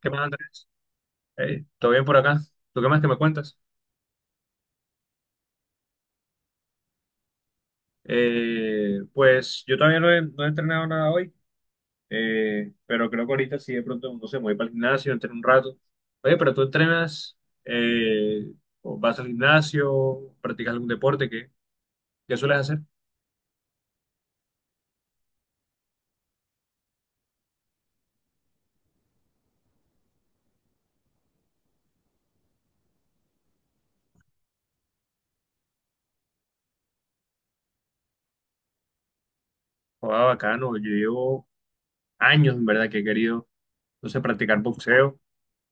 ¿Qué más, Andrés? Hey, ¿todo bien por acá? ¿Tú qué más que me cuentas? Pues yo todavía no he entrenado nada hoy, pero creo que ahorita sí de pronto, no sé, me voy para el gimnasio, entreno un rato. Oye, pero tú entrenas, eh, o vas al gimnasio, practicas algún deporte, ¿ qué sueles hacer? Jugaba bacano, yo llevo años, en verdad que he querido, no sé, practicar boxeo,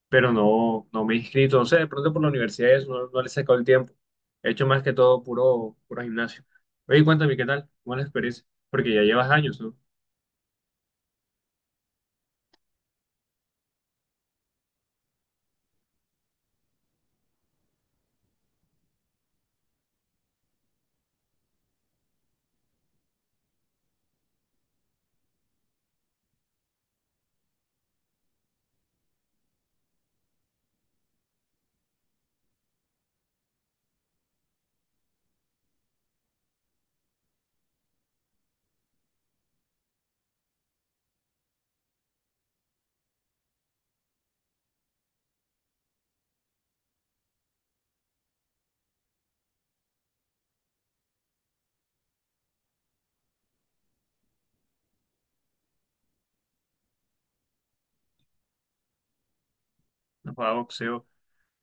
pero no, no me he inscrito. No sé, de pronto por la universidad eso, no, no le he sacado el tiempo. He hecho más que todo puro gimnasio. Oye, cuéntame, ¿qué tal? ¿Cómo es la experiencia? Porque ya llevas años, ¿no? No jugaba boxeo.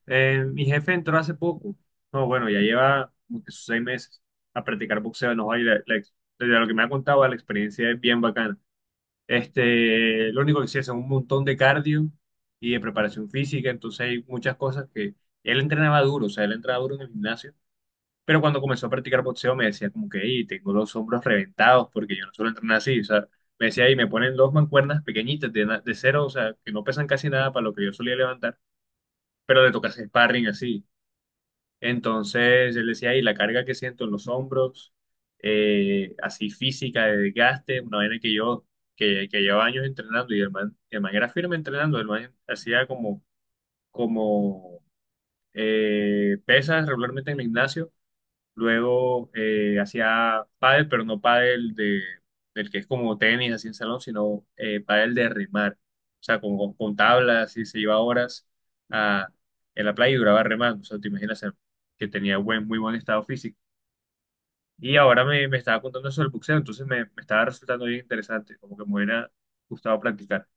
Mi jefe entró hace poco. No, bueno, ya lleva como que sus seis meses a practicar boxeo. No, y desde lo que me ha contado, la experiencia es bien bacana. Este, lo único que sí es un montón de cardio y de preparación física. Entonces hay muchas cosas que él entrenaba duro, o sea, él entrenaba duro en el gimnasio. Pero cuando comenzó a practicar boxeo me decía como que, hey, tengo los hombros reventados porque yo no suelo entrenar así. O sea, me decía, y me ponen dos mancuernas pequeñitas de, de cero, o sea, que no pesan casi nada para lo que yo solía levantar, pero le toca hacer sparring así. Entonces él decía, y la carga que siento en los hombros, así física, de desgaste, una vaina que yo, que llevo años entrenando y el man era firme entrenando, el man hacía como, como pesas regularmente en el gimnasio. Luego hacía pádel, pero no pádel del que es como tenis, así en salón, sino pádel de remar. O sea, con tablas y se iba horas a, en la playa y duraba remando. O sea, te imaginas que tenía muy buen estado físico. Y ahora me estaba contando eso del boxeo, entonces me estaba resultando bien interesante, como que me hubiera gustado practicar.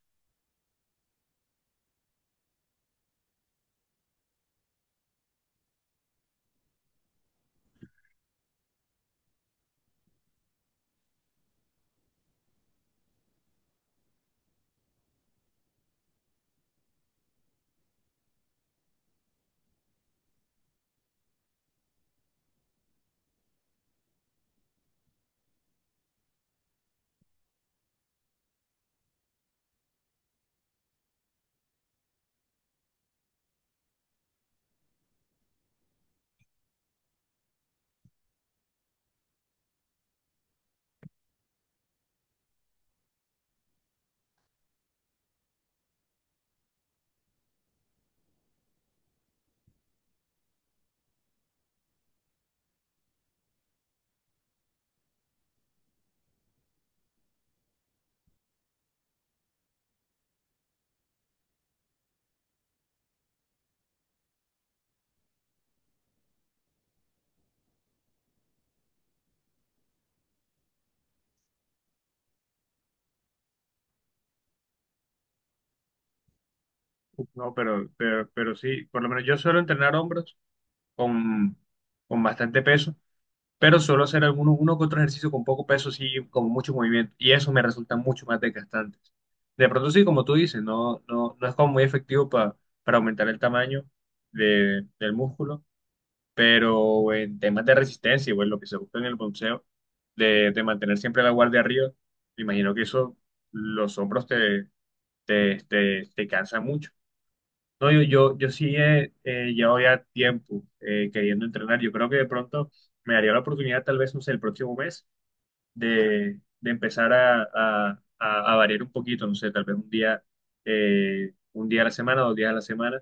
No, pero sí, por lo menos yo suelo entrenar hombros con, con bastante peso, pero suelo hacer algunos, uno que otro ejercicio con poco peso, sí, con mucho movimiento, y eso me resulta mucho más desgastante. De pronto, sí, como tú dices, no es como muy efectivo para aumentar el tamaño del músculo, pero en temas de resistencia, bueno, lo que se busca en el boxeo, de mantener siempre la guardia arriba, me imagino que eso, los hombros te cansa mucho. No, yo sí llevo ya tiempo queriendo entrenar. Yo creo que de pronto me daría la oportunidad, tal vez, no sé, el próximo mes, de empezar a, a variar un poquito, no sé, tal vez un día a la semana, dos días a la semana.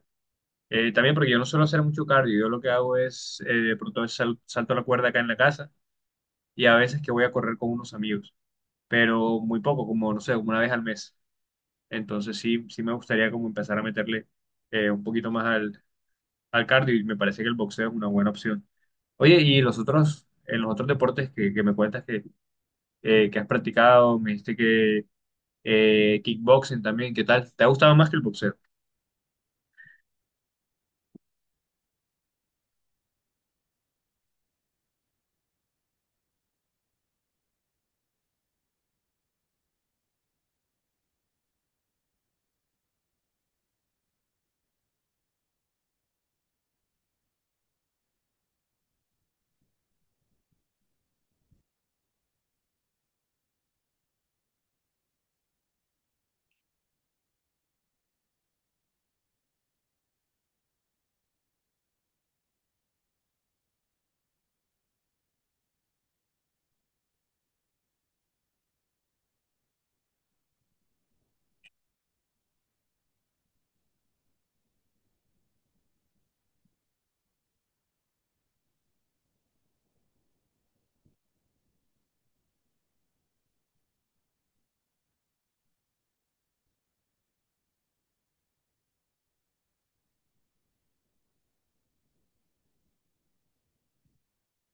También porque yo no suelo hacer mucho cardio, yo lo que hago es, de pronto salto la cuerda acá en la casa y a veces que voy a correr con unos amigos, pero muy poco, como, no sé, como una vez al mes. Entonces sí, sí me gustaría como empezar a meterle un poquito más al cardio y me parece que el boxeo es una buena opción. Oye, y los otros, en los otros deportes que me cuentas que has practicado, me dijiste que kickboxing también, ¿qué tal? ¿Te ha gustado más que el boxeo?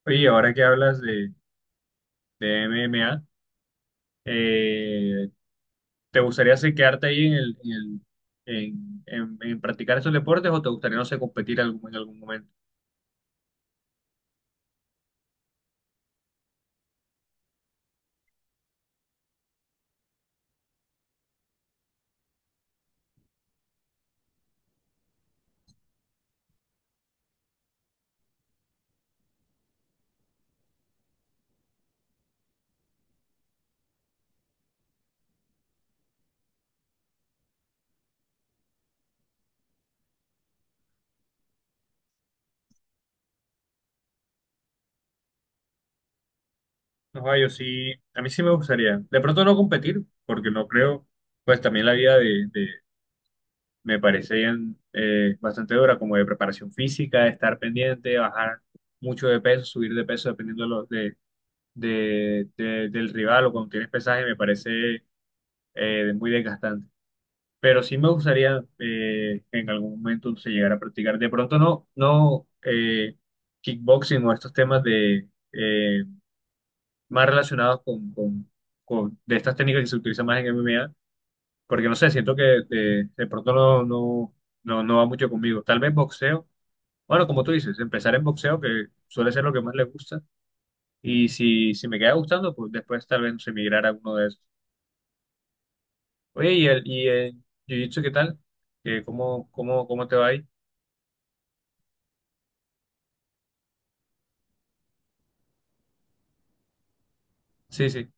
Oye, y ahora que hablas de MMA, eh, ¿te gustaría sí, quedarte ahí en el- en practicar estos deportes o te gustaría, no sé, competir en algún momento? No, yo sí, a mí sí me gustaría. De pronto no competir, porque no creo, pues también la vida de, me parece bien, bastante dura, como de preparación física, de estar pendiente, bajar mucho de peso, subir de peso dependiendo de, del rival o cuando tienes pesaje, me parece muy desgastante. Pero sí me gustaría que en algún momento se llegara a practicar. De pronto no, kickboxing o estos temas de eh, más relacionados de estas técnicas que se utilizan más en MMA, porque no sé, siento que de pronto no va mucho conmigo. Tal vez boxeo. Bueno, como tú dices, empezar en boxeo, que suele ser lo que más le gusta. Y si, si me queda gustando, pues después tal vez se migrar a uno de esos. Oye, ¿y el jiu-jitsu qué tal? ¿Cómo, cómo te va ahí? Sí, sí,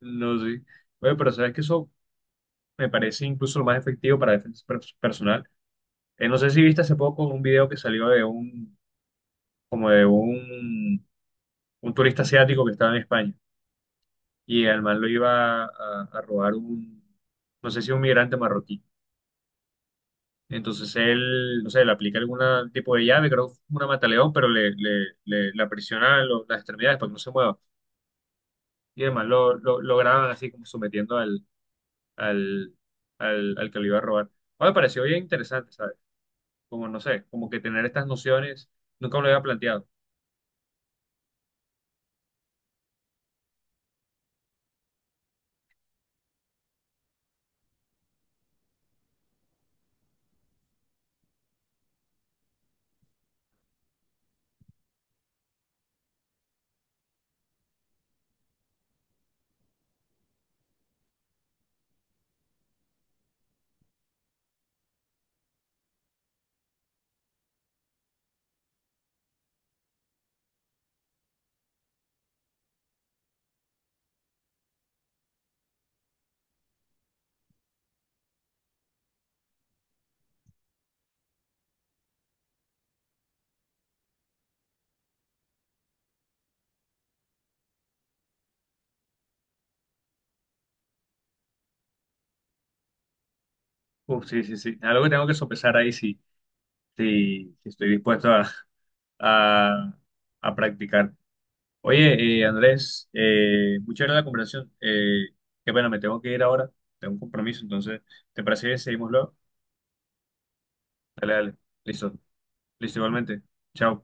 no sé. Oye, pero sabes que eso me parece incluso lo más efectivo para defensa personal. No sé si viste hace poco un video que salió como un turista asiático que estaba en España y al man lo iba a robar un, no sé si un migrante marroquí. Entonces él, no sé, le aplica algún tipo de llave, creo que fue una mataleón, pero le aprisiona las extremidades para que no se mueva. Y además lo graban así como sometiendo al, al que lo iba a robar. Ah, me pareció bien interesante, ¿sabes? Como, no sé, como que tener estas nociones, nunca me lo había planteado. Uf, sí, sí, sí. Algo que tengo que sopesar ahí, sí, sí, sí estoy dispuesto a, a practicar. Oye, Andrés, muchas gracias por la conversación. Qué pena, me tengo que ir ahora. Tengo un compromiso, entonces, ¿te parece bien seguimos luego? Dale, dale. Listo. Listo, igualmente. Chao.